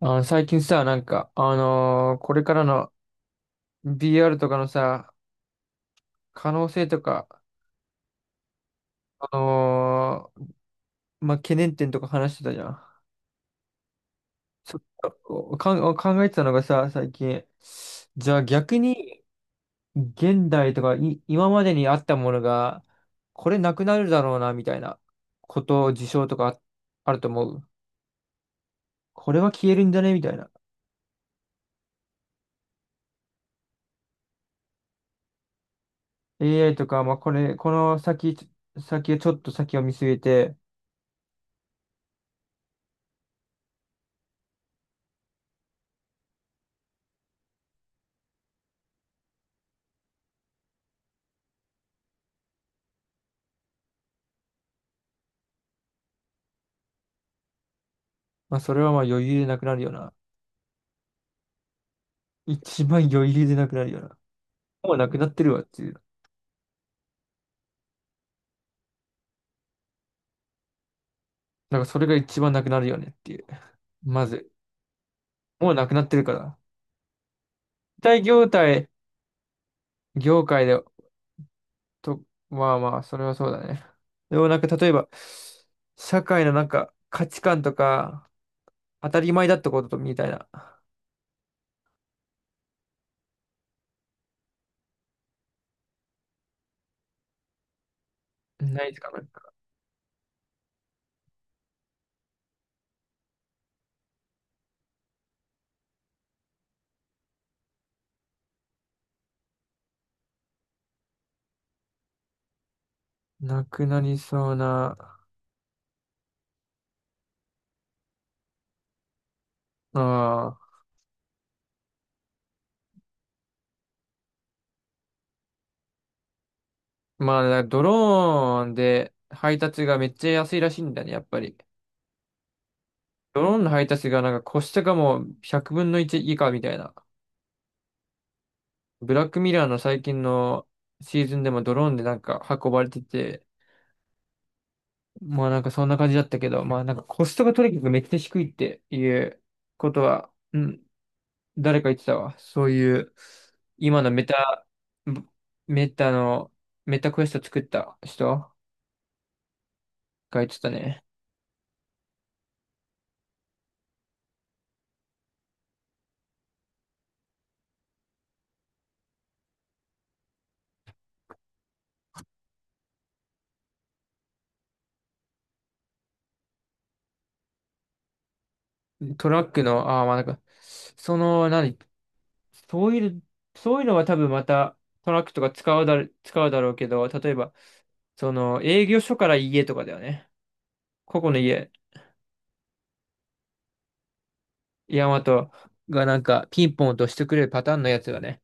最近さ、これからの BR とかのさ、可能性とか、あのーまあ、懸念点とか話してたじゃん。ちょっとこうかん、考えてたのがさ、最近。じゃあ逆に、現代とかい、今までにあったものが、これなくなるだろうな、みたいなこと、事象とかああると思う。これは消えるんじゃねみたいな。AI とか、この先、ちょっと先を見据えて、まあ、それはまあ余裕でなくなるよな。一番余裕でなくなるような。もうなくなってるわっていう。なんかそれが一番なくなるよねっていう。まず、もうなくなってるから。大業態、業界で、と、まあまあ、それはそうだね。でもなんか例えば、社会のなんか価値観とか、当たり前だったことみたいな、ないですかなんか、なくなりそうな、ああ、まあ、だからドローンで配達がめっちゃ安いらしいんだね、やっぱり。ドローンの配達がなんかコストがもう100分の1以下みたいな。ブラックミラーの最近のシーズンでもドローンでなんか運ばれてて、まあなんかそんな感じだったけど、まあなんかコストがとにかくめっちゃ低いっていうことは、うん、誰か言ってたわ。そういう、今のメタ、メタの、メタクエスト作った人が言ってたね。トラックの、ああまあなんか、その、何、そういう、そういうのは多分またトラックとか使うだろ、使うだろうけど、例えば、その営業所から家とかだよね。ここの家、ヤマトがなんかピンポン落としてくれるパターンのやつがね、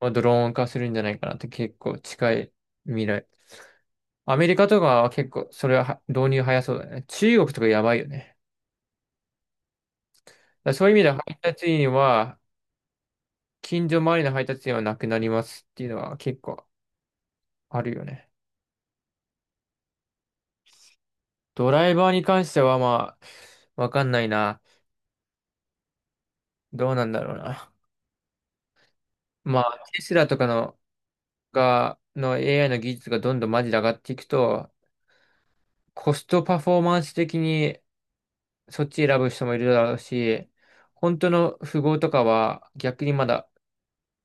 まあ、ドローン化するんじゃないかなって結構近い未来。アメリカとかは結構それは導入早そうだね。中国とかやばいよね。だからそういう意味では配達員は、近所周りの配達員はなくなりますっていうのは結構あるよね。ドライバーに関してはまあ、わかんないな。どうなんだろうな。まあ、テスラとかの、が、の AI の技術がどんどんマジで上がっていくと、コストパフォーマンス的にそっち選ぶ人もいるだろうし、本当の富豪とかは逆にまだ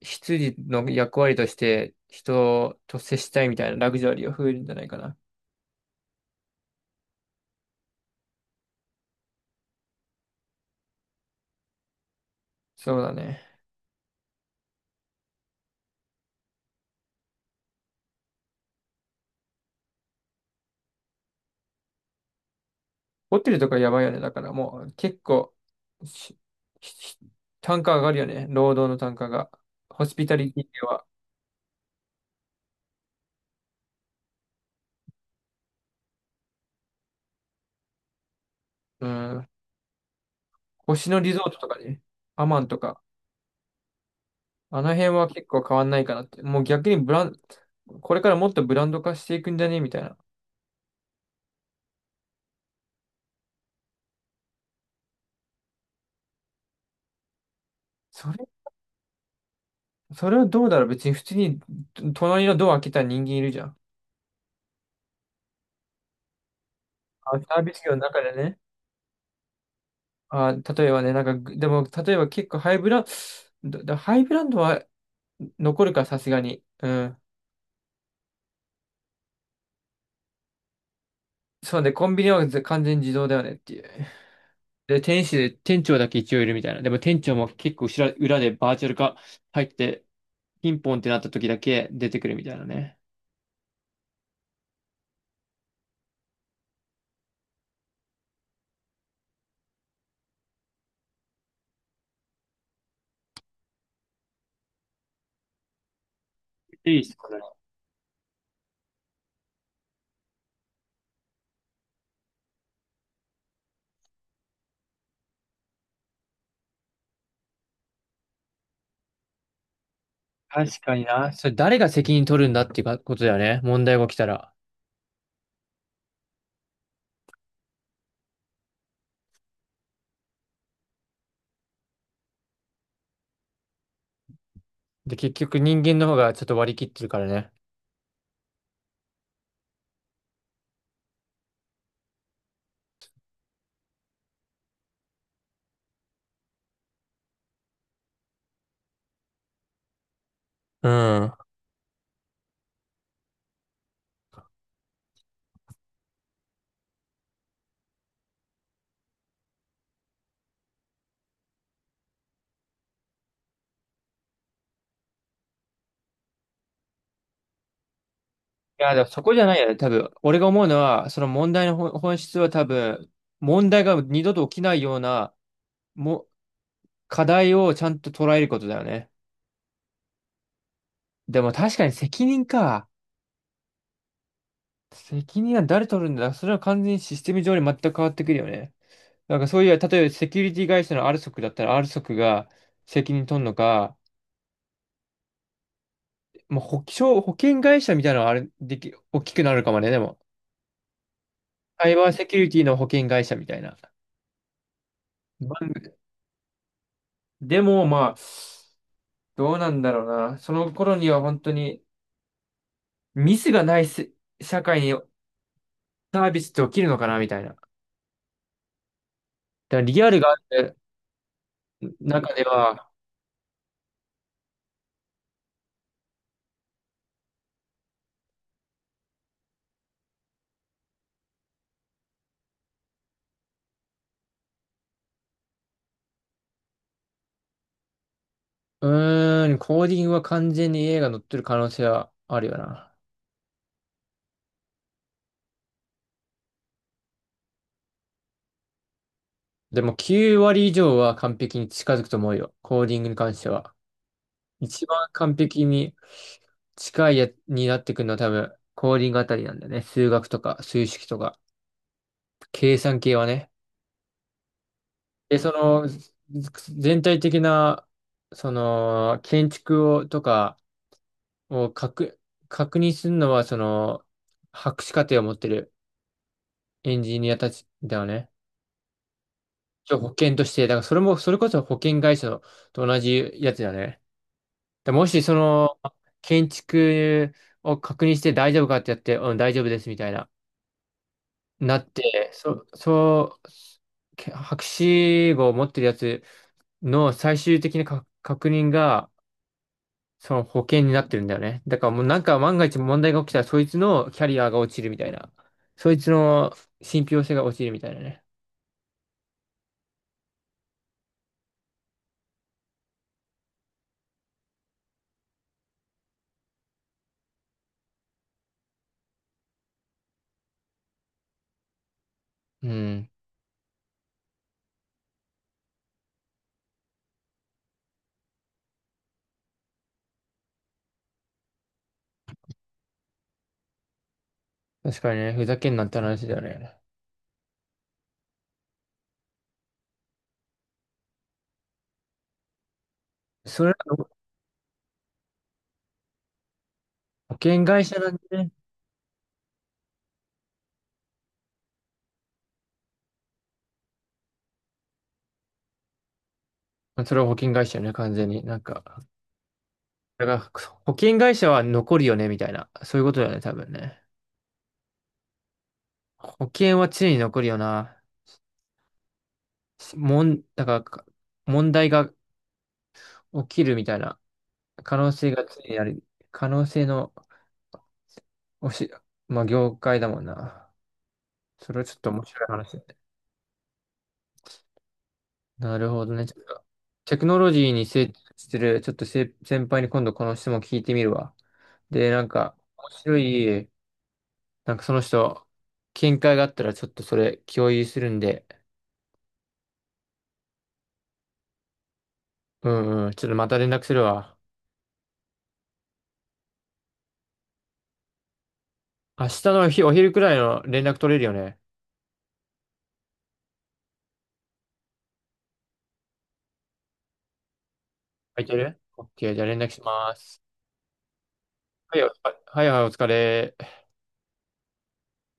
執事の役割として人と接したいみたいなラグジュアリーが増えるんじゃないかな。そうだね。ホテルとかやばいよね。だからもう結構し、し単価上がるよね。労働の単価が。ホスピタリティは。うん。星野リゾートとかね。アマンとか。あの辺は結構変わんないかなって。もう逆にブラン、これからもっとブランド化していくんじゃねみたいな。それ、それはどうだろう別に普通にと隣のドア開けた人間いるじゃん。あ、サービス業の中でね。あ、例えばね、なんかぐ、でも、例えば結構ハイブランドは残るか、さすがに。うん。そうね、コンビニはず完全自動だよねっていう。で、店主で、店長だけ一応いるみたいな。でも店長も結構後ろ、裏でバーチャル化入って、ピンポンってなった時だけ出てくるみたいなね。いいっすね。確かにな。それ誰が責任取るんだっていうかことだよね。問題が起きたら。で、結局人間の方がちょっと割り切ってるからね。うん。いや、でもそこじゃないよね。多分、俺が思うのは、その問題の本質は多分、問題が二度と起きないような、も、課題をちゃんと捉えることだよね。でも確かに責任か。責任は誰取るんだそれは完全にシステム上に全く変わってくるよね。なんかそういう、例えばセキュリティ会社の r s o クだったら r s o クが責任取るのか、まあ、保険会社みたいなのはあれ、でき、大きくなるかもね、でも。サイバーセキュリティの保険会社みたいな。までも、まあ、どうなんだろうな。その頃には本当にミスがないせ社会にサービスって起きるのかなみたいな。だからリアルがある中では、うーん、コーディングは完全に A が乗ってる可能性はあるよな。でも9割以上は完璧に近づくと思うよ。コーディングに関しては。一番完璧に近いやになってくるのは多分、コーディングあたりなんだよね。数学とか、数式とか、計算系はね。で、その、全体的な、その、建築を、とかを確、確認するのは、その、博士課程を持ってるエンジニアたちだよね。一応保険として、だからそれも、それこそ保険会社のと同じやつだよね。でもし、その、建築を確認して大丈夫かってやって、うん、大丈夫ですみたいな。なって、そ、そう、け博士号を持ってるやつの最終的な確認が、その保険になってるんだよね。だからもうなんか万が一問題が起きたら、そいつのキャリアが落ちるみたいな。そいつの信憑性が落ちるみたいなね。うん。確かにね、ふざけんなって話だよね。それは保険会社なんでね。それは保険会社よね、完全に。なんか、だから保険会社は残るよね、みたいな。そういうことだよね、多分ね。保険は常に残るよな。もん、だからか、問題が起きるみたいな可能性が常にある。可能性のおし、まあ、業界だもんな。それはちょっと面白い話だね。なるほどね。ちょっと、テクノロジーに精通してる、ちょっと先輩に今度この質問聞いてみるわ。で、なんか、面白い、なんかその人、見解があったらちょっとそれ共有するんで、うんうん、ちょっとまた連絡するわ。明日のお昼くらいの連絡取れるよね。空いてる？ OK、じゃあ連絡します。はい、あはいはい、お疲れ。